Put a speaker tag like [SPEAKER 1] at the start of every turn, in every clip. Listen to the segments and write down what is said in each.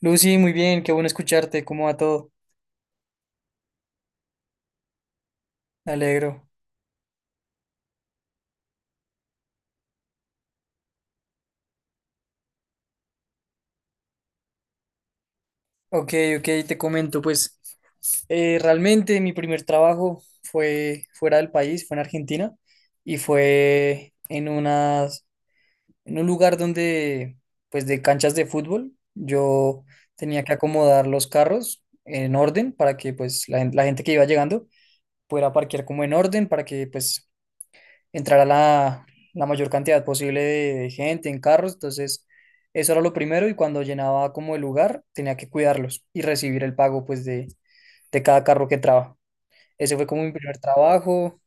[SPEAKER 1] Lucy, muy bien, qué bueno escucharte, ¿cómo va todo? Me alegro. Ok, ok, te comento, pues realmente mi primer trabajo fue fuera del país, fue en Argentina y fue en unas, en un lugar donde, pues de canchas de fútbol, yo tenía que acomodar los carros en orden para que pues la gente que iba llegando pudiera parquear como en orden para que pues entrar a la, la mayor cantidad posible de gente en carros, entonces eso era lo primero y cuando llenaba como el lugar tenía que cuidarlos y recibir el pago pues de cada carro que entraba. Ese fue como mi primer trabajo,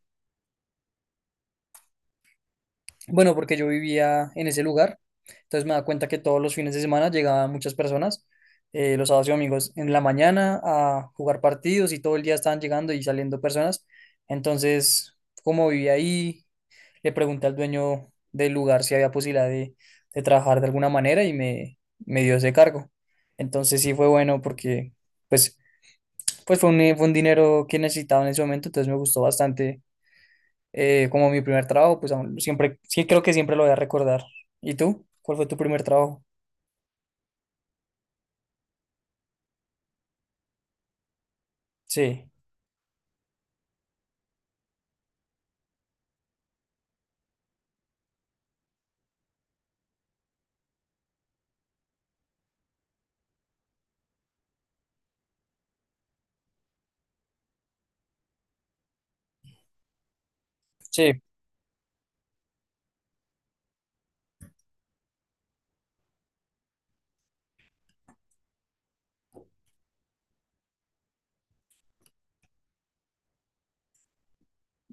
[SPEAKER 1] bueno, porque yo vivía en ese lugar, entonces me daba cuenta que todos los fines de semana llegaban muchas personas, los sábados y domingos en la mañana a jugar partidos y todo el día estaban llegando y saliendo personas, entonces como vivía ahí le pregunté al dueño del lugar si había posibilidad de trabajar de alguna manera y me dio ese cargo. Entonces sí fue bueno porque pues, pues fue un dinero que necesitaba en ese momento, entonces me gustó bastante como mi primer trabajo, pues aún siempre, sí creo que siempre lo voy a recordar. ¿Y tú? ¿Cuál fue tu primer trabajo? Sí, sí,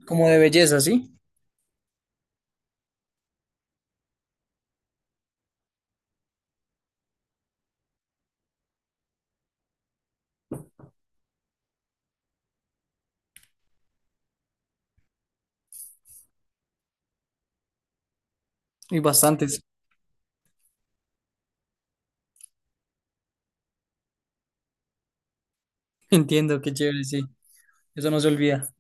[SPEAKER 1] como de belleza, ¿sí? Y bastantes. Entiendo, qué chévere, sí. Eso no se olvida.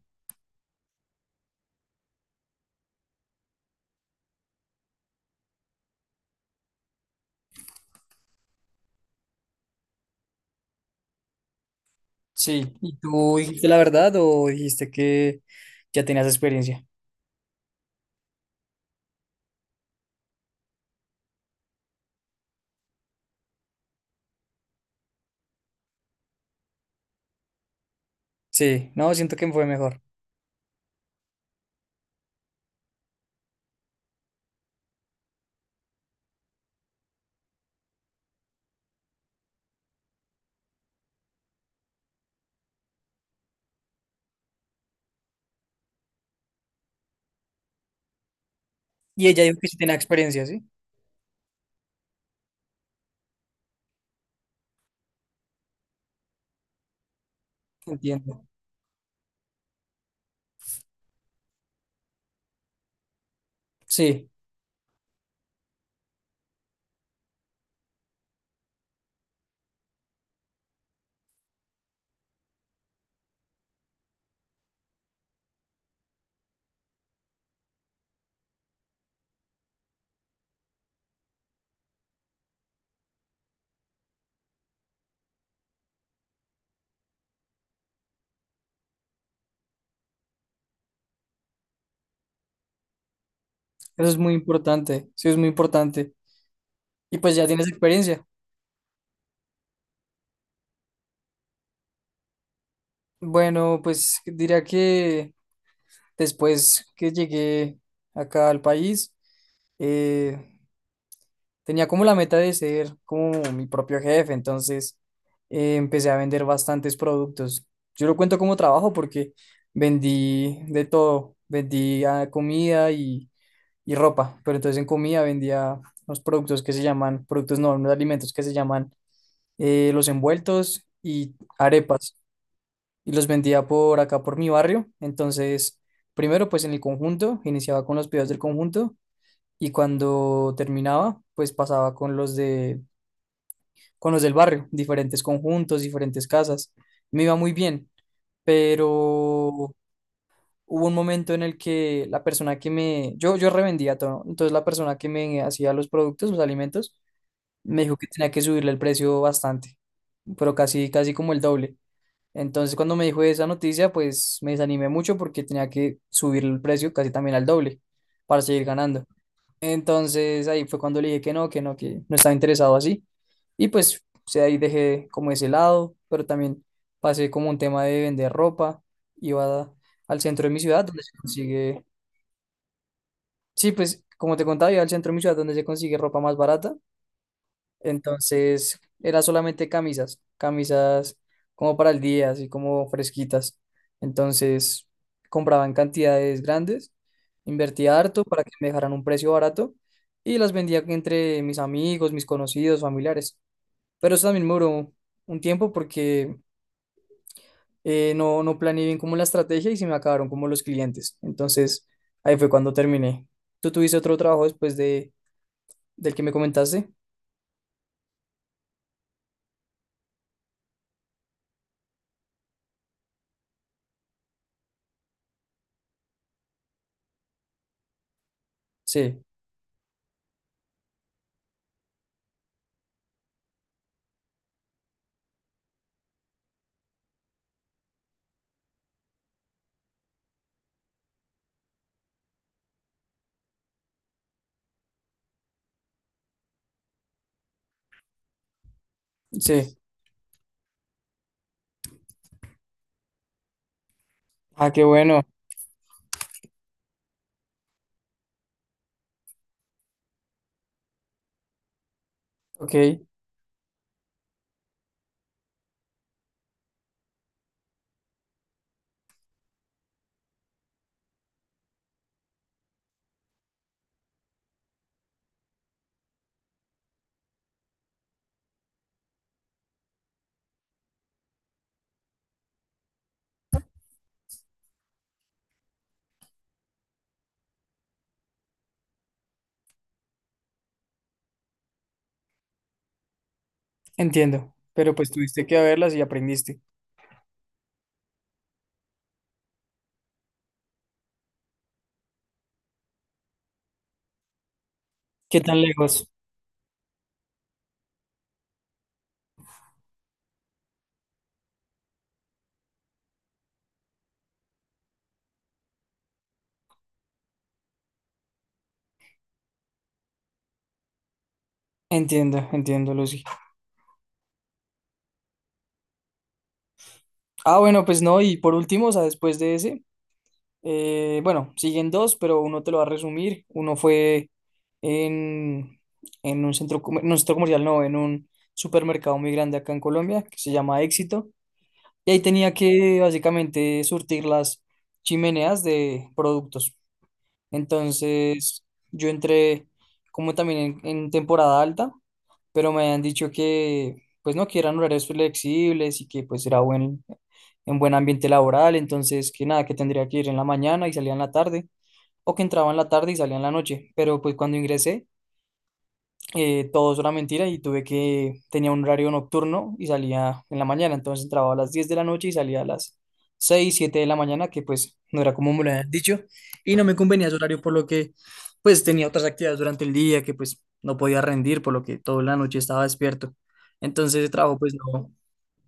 [SPEAKER 1] Sí. ¿Y tú dijiste la verdad o dijiste que ya tenías experiencia? Sí, no, siento que fue mejor. Y ella dijo que sí tenía experiencia, ¿sí? Entiendo. Sí, eso es muy importante, sí es muy importante. Y pues ya tienes experiencia. Bueno, pues diría que después que llegué acá al país, eh, tenía como la meta de ser como mi propio jefe, entonces empecé a vender bastantes productos. Yo lo cuento como trabajo porque vendí de todo, vendí ah, comida y ropa, pero entonces en comida vendía unos productos que se llaman, productos no, unos alimentos que se llaman los envueltos y arepas, y los vendía por acá, por mi barrio, entonces primero pues en el conjunto, iniciaba con los pedidos del conjunto, y cuando terminaba pues pasaba con los de, con los del barrio, diferentes conjuntos, diferentes casas, me iba muy bien, pero hubo un momento en el que la persona que yo revendía todo, ¿no? Entonces la persona que me hacía los productos, los alimentos, me dijo que tenía que subirle el precio bastante, pero casi, casi como el doble. Entonces cuando me dijo esa noticia, pues me desanimé mucho porque tenía que subir el precio casi también al doble para seguir ganando. Entonces ahí fue cuando le dije que no, que no, que no estaba interesado así. Y pues o sea, ahí dejé como ese lado, pero también pasé como un tema de vender ropa. Iba a- Al centro de mi ciudad donde se consigue, sí, pues como te contaba, iba al centro de mi ciudad donde se consigue ropa más barata. Entonces, era solamente camisas, camisas como para el día, así como fresquitas. Entonces, compraba en cantidades grandes, invertía harto para que me dejaran un precio barato y las vendía entre mis amigos, mis conocidos, familiares. Pero eso también me duró un tiempo porque no planeé bien como la estrategia y se me acabaron como los clientes. Entonces, ahí fue cuando terminé. ¿Tú tuviste otro trabajo después de, del que me comentaste? Sí, sí. Ah, qué bueno. Ok. Entiendo, pero pues tuviste que verlas y aprendiste. ¿Qué tan lejos? Entiendo, entiendo, Lucy. Ah, bueno, pues no, y por último, o sea, después de ese, bueno, siguen dos, pero uno te lo va a resumir. Uno fue en, en un centro, centro comercial, no, en un supermercado muy grande acá en Colombia, que se llama Éxito, y ahí tenía que básicamente surtir las chimeneas de productos. Entonces, yo entré como también en temporada alta, pero me habían dicho que, pues no, que eran horarios flexibles y que pues en buen ambiente laboral, entonces que nada, que tendría que ir en la mañana y salía en la tarde, o que entraba en la tarde y salía en la noche, pero pues cuando ingresé todo eso era mentira y tenía un horario nocturno y salía en la mañana, entonces entraba a las 10 de la noche y salía a las 6 7 de la mañana, que pues no era como me lo habían dicho, y no me convenía ese horario por lo que pues tenía otras actividades durante el día que pues no podía rendir, por lo que toda la noche estaba despierto. Entonces el trabajo pues no,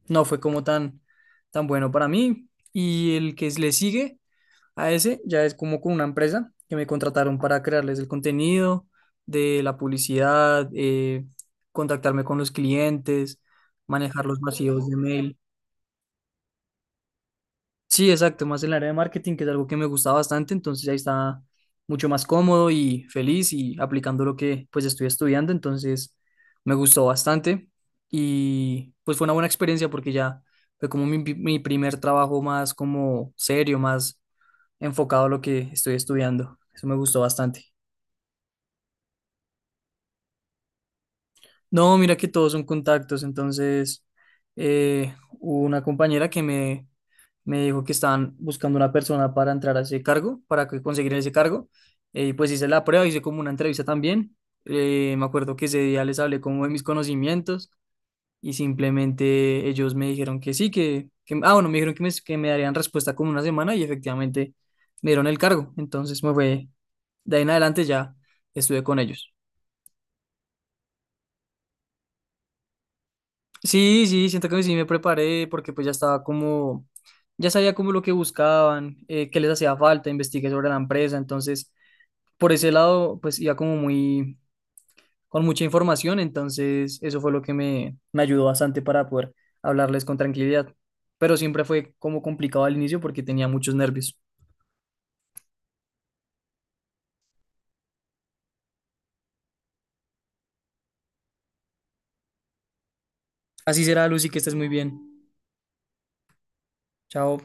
[SPEAKER 1] no fue como tan, tan bueno para mí y el que le sigue. A ese ya es como con una empresa que me contrataron para crearles el contenido de la publicidad, contactarme con los clientes, manejar los vacíos de mail. Sí, exacto, más en el área de marketing, que es algo que me gusta bastante, entonces ahí está mucho más cómodo y feliz y aplicando lo que pues estoy estudiando, entonces me gustó bastante y pues fue una buena experiencia porque ya fue como mi primer trabajo más como serio, más enfocado a lo que estoy estudiando. Eso me gustó bastante. No, mira que todos son contactos, entonces hubo una compañera que me dijo que estaban buscando una persona para entrar a ese cargo, conseguir ese cargo, y pues hice la prueba, hice como una entrevista también. Me acuerdo que ese día les hablé como de mis conocimientos y simplemente ellos me dijeron que sí, bueno, me dijeron que que me darían respuesta como una semana y efectivamente me dieron el cargo, entonces me fue. De ahí en adelante ya estuve con ellos. Sí, sí, siento que sí me preparé porque pues ya estaba como, ya sabía como lo que buscaban, qué les hacía falta, investigué sobre la empresa, entonces por ese lado pues iba como muy, con mucha información, entonces eso fue lo que me ayudó bastante para poder hablarles con tranquilidad, pero siempre fue como complicado al inicio porque tenía muchos nervios. Así será, Lucy, que estés muy bien. Chao.